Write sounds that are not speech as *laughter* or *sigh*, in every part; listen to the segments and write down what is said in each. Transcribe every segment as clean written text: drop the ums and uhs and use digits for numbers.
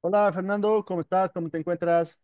Hola Fernando, ¿cómo estás? ¿Cómo te encuentras?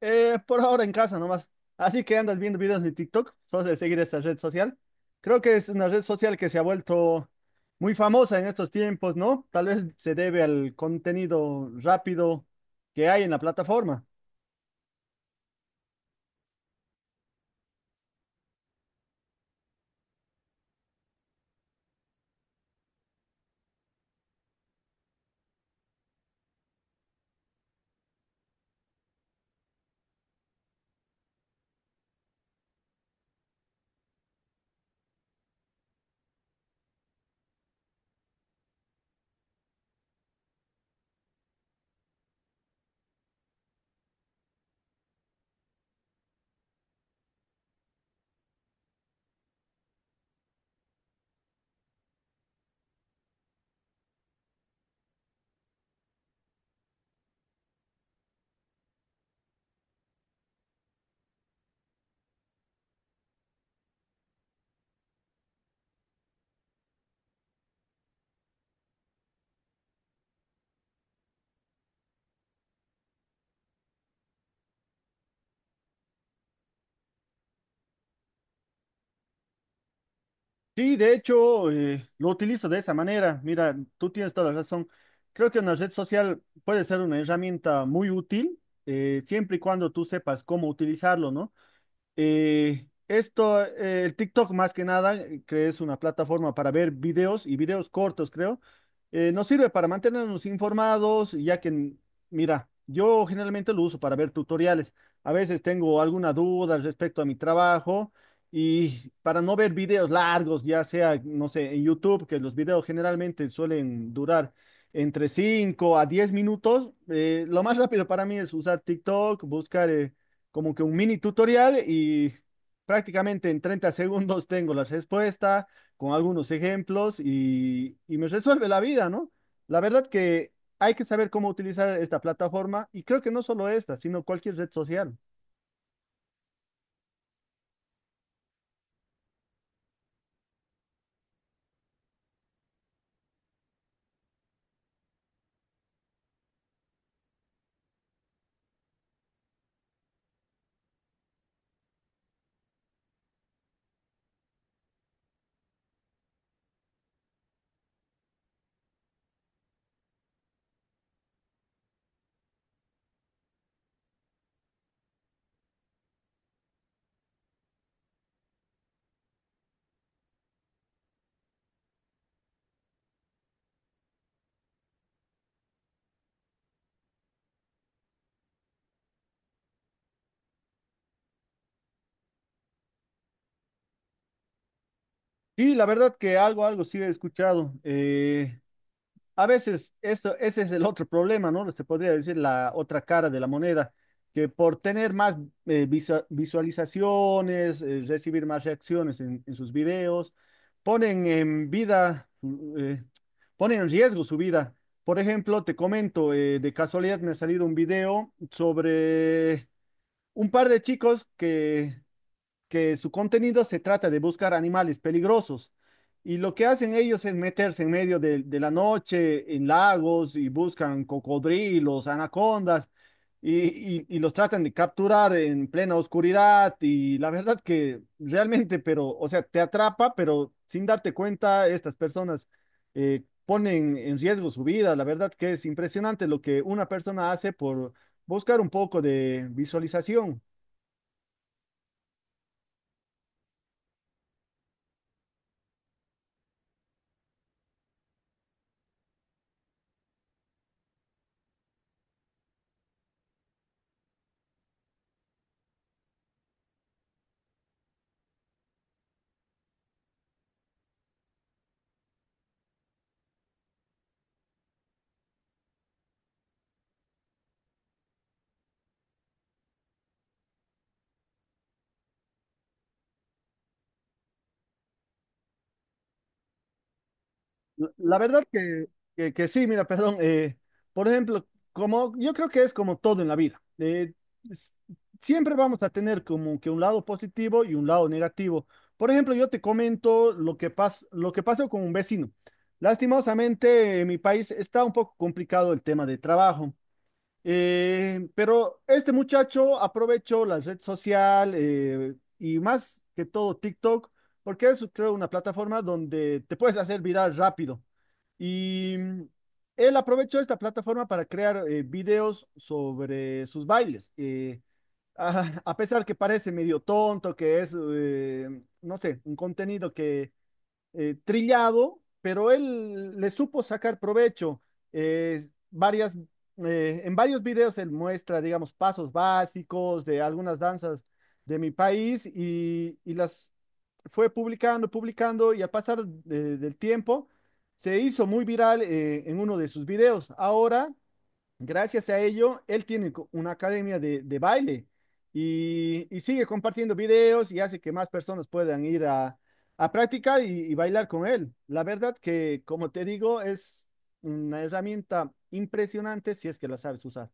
Por ahora en casa nomás. Así que andas viendo videos de TikTok, sos de seguir esa red social. Creo que es una red social que se ha vuelto muy famosa en estos tiempos, ¿no? Tal vez se debe al contenido rápido que hay en la plataforma. Sí, de hecho, lo utilizo de esa manera. Mira, tú tienes toda la razón. Creo que una red social puede ser una herramienta muy útil, siempre y cuando tú sepas cómo utilizarlo, ¿no? Esto, el TikTok más que nada, que es una plataforma para ver videos y videos cortos, creo, nos sirve para mantenernos informados, ya que, mira, yo generalmente lo uso para ver tutoriales. A veces tengo alguna duda al respecto a mi trabajo y para no ver videos largos, ya sea, no sé, en YouTube, que los videos generalmente suelen durar entre 5 a 10 minutos, lo más rápido para mí es usar TikTok, buscar, como que un mini tutorial y prácticamente en 30 *laughs* segundos tengo la respuesta con algunos ejemplos y me resuelve la vida, ¿no? La verdad que hay que saber cómo utilizar esta plataforma y creo que no solo esta, sino cualquier red social. Sí, la verdad que algo sí he escuchado. A veces eso, ese es el otro problema, ¿no? Se podría decir la otra cara de la moneda, que por tener más visualizaciones, recibir más reacciones en sus videos, ponen en vida, mm, eh, ponen en riesgo su vida. Por ejemplo, te comento, de casualidad me ha salido un video sobre un par de chicos que su contenido se trata de buscar animales peligrosos. Y lo que hacen ellos es meterse en medio de la noche en lagos y buscan cocodrilos, anacondas y los tratan de capturar en plena oscuridad. Y la verdad que realmente, pero, o sea, te atrapa, pero sin darte cuenta, estas personas ponen en riesgo su vida. La verdad que es impresionante lo que una persona hace por buscar un poco de visualización. La verdad que, que sí, mira, perdón. Por ejemplo, como yo creo que es como todo en la vida. S- Siempre vamos a tener como que un lado positivo y un lado negativo. Por ejemplo, yo te comento lo que lo que pasó con un vecino. Lastimosamente, en mi país está un poco complicado el tema de trabajo. Pero este muchacho aprovechó la red social y más que todo TikTok, porque es, creo, una plataforma donde te puedes hacer viral rápido. Y él aprovechó esta plataforma para crear videos sobre sus bailes. *laughs* A pesar que parece medio tonto, que es, no sé, un contenido que trillado, pero él le supo sacar provecho. Eh, varias, en varios videos él muestra, digamos, pasos básicos de algunas danzas de mi país y las fue publicando, publicando y al pasar del tiempo se hizo muy viral en uno de sus videos. Ahora, gracias a ello, él tiene una academia de baile y sigue compartiendo videos y hace que más personas puedan ir a practicar y bailar con él. La verdad que, como te digo, es una herramienta impresionante si es que la sabes usar.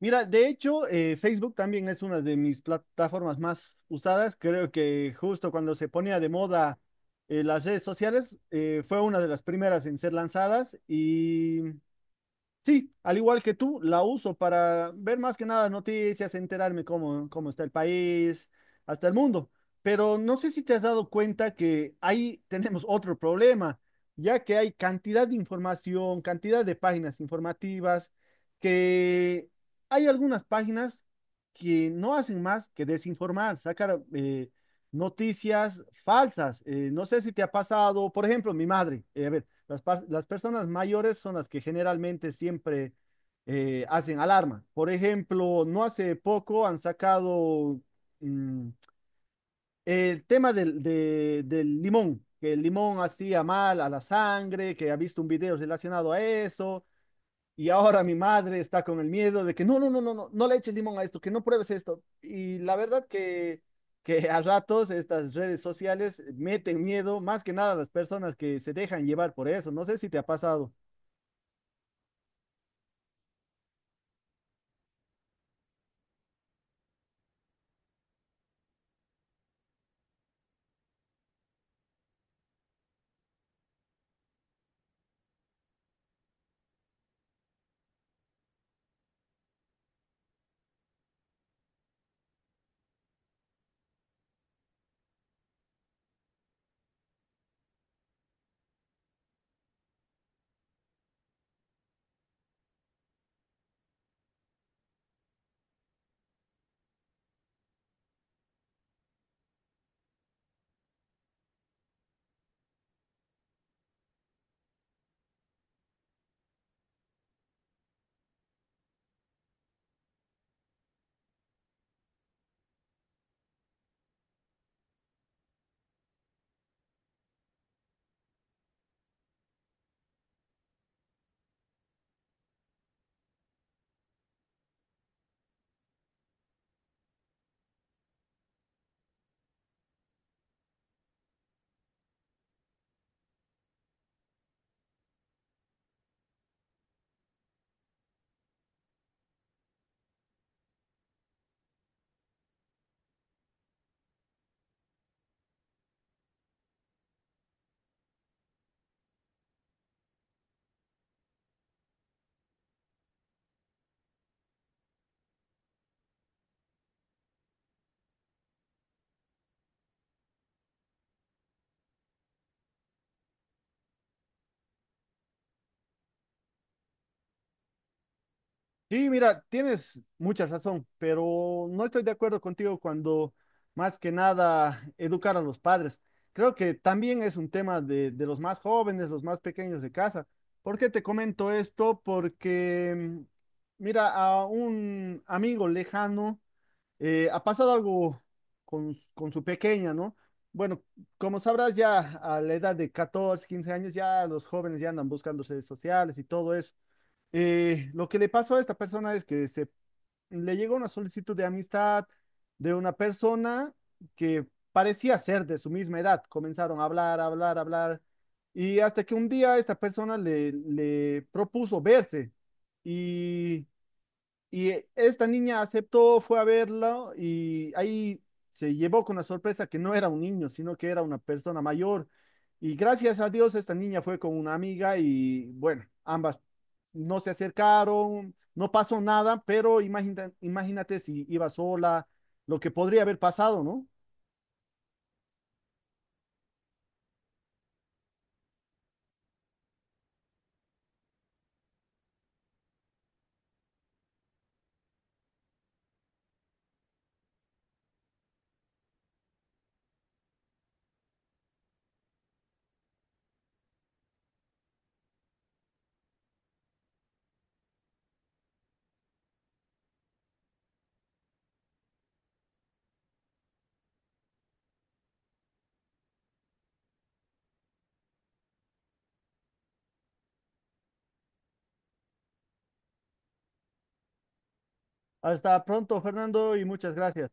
Mira, de hecho, Facebook también es una de mis plataformas más usadas. Creo que justo cuando se ponía de moda las redes sociales, fue una de las primeras en ser lanzadas. Sí, al igual que tú, la uso para ver más que nada noticias, enterarme cómo está el país, hasta el mundo. Pero no sé si te has dado cuenta que ahí *laughs* tenemos otro problema, ya que hay cantidad de información, cantidad de páginas informativas, que hay algunas páginas que no hacen más que desinformar, sacar noticias falsas. No sé si te ha pasado, por ejemplo, mi madre. A ver, las, las personas mayores son las que generalmente siempre hacen alarma. Por ejemplo, no hace poco han sacado mm, el tema del limón, que el limón hacía mal a la sangre, que ha visto un video relacionado a eso. Y ahora mi madre está con el miedo de que no, no, no, no, no, no le eches limón a esto, que no pruebes esto. Y la verdad que, a ratos estas redes sociales meten miedo más que nada a las personas que se dejan llevar por eso. No sé si te ha pasado. Sí, mira, tienes mucha razón, pero no estoy de acuerdo contigo cuando más que nada educar a los padres. Creo que también es un tema de los más jóvenes, los más pequeños de casa. ¿Por qué te comento esto? Porque, mira, a un amigo lejano ha pasado algo con su pequeña, ¿no? Bueno, como sabrás, ya a la edad de 14, 15 años, ya los jóvenes ya andan buscando redes sociales y todo eso. Lo que le pasó a esta persona es que le llegó una solicitud de amistad de una persona que parecía ser de su misma edad. Comenzaron a hablar, hablar, hablar. Y hasta que un día esta persona le propuso verse. Y Esta niña aceptó, fue a verlo y ahí se llevó con la sorpresa que no era un niño, sino que era una persona mayor. Y gracias a Dios esta niña fue con una amiga y bueno, ambas no se acercaron, no pasó nada, pero imagínate si iba sola, lo que podría haber pasado, ¿no? Hasta pronto, Fernando, y muchas gracias.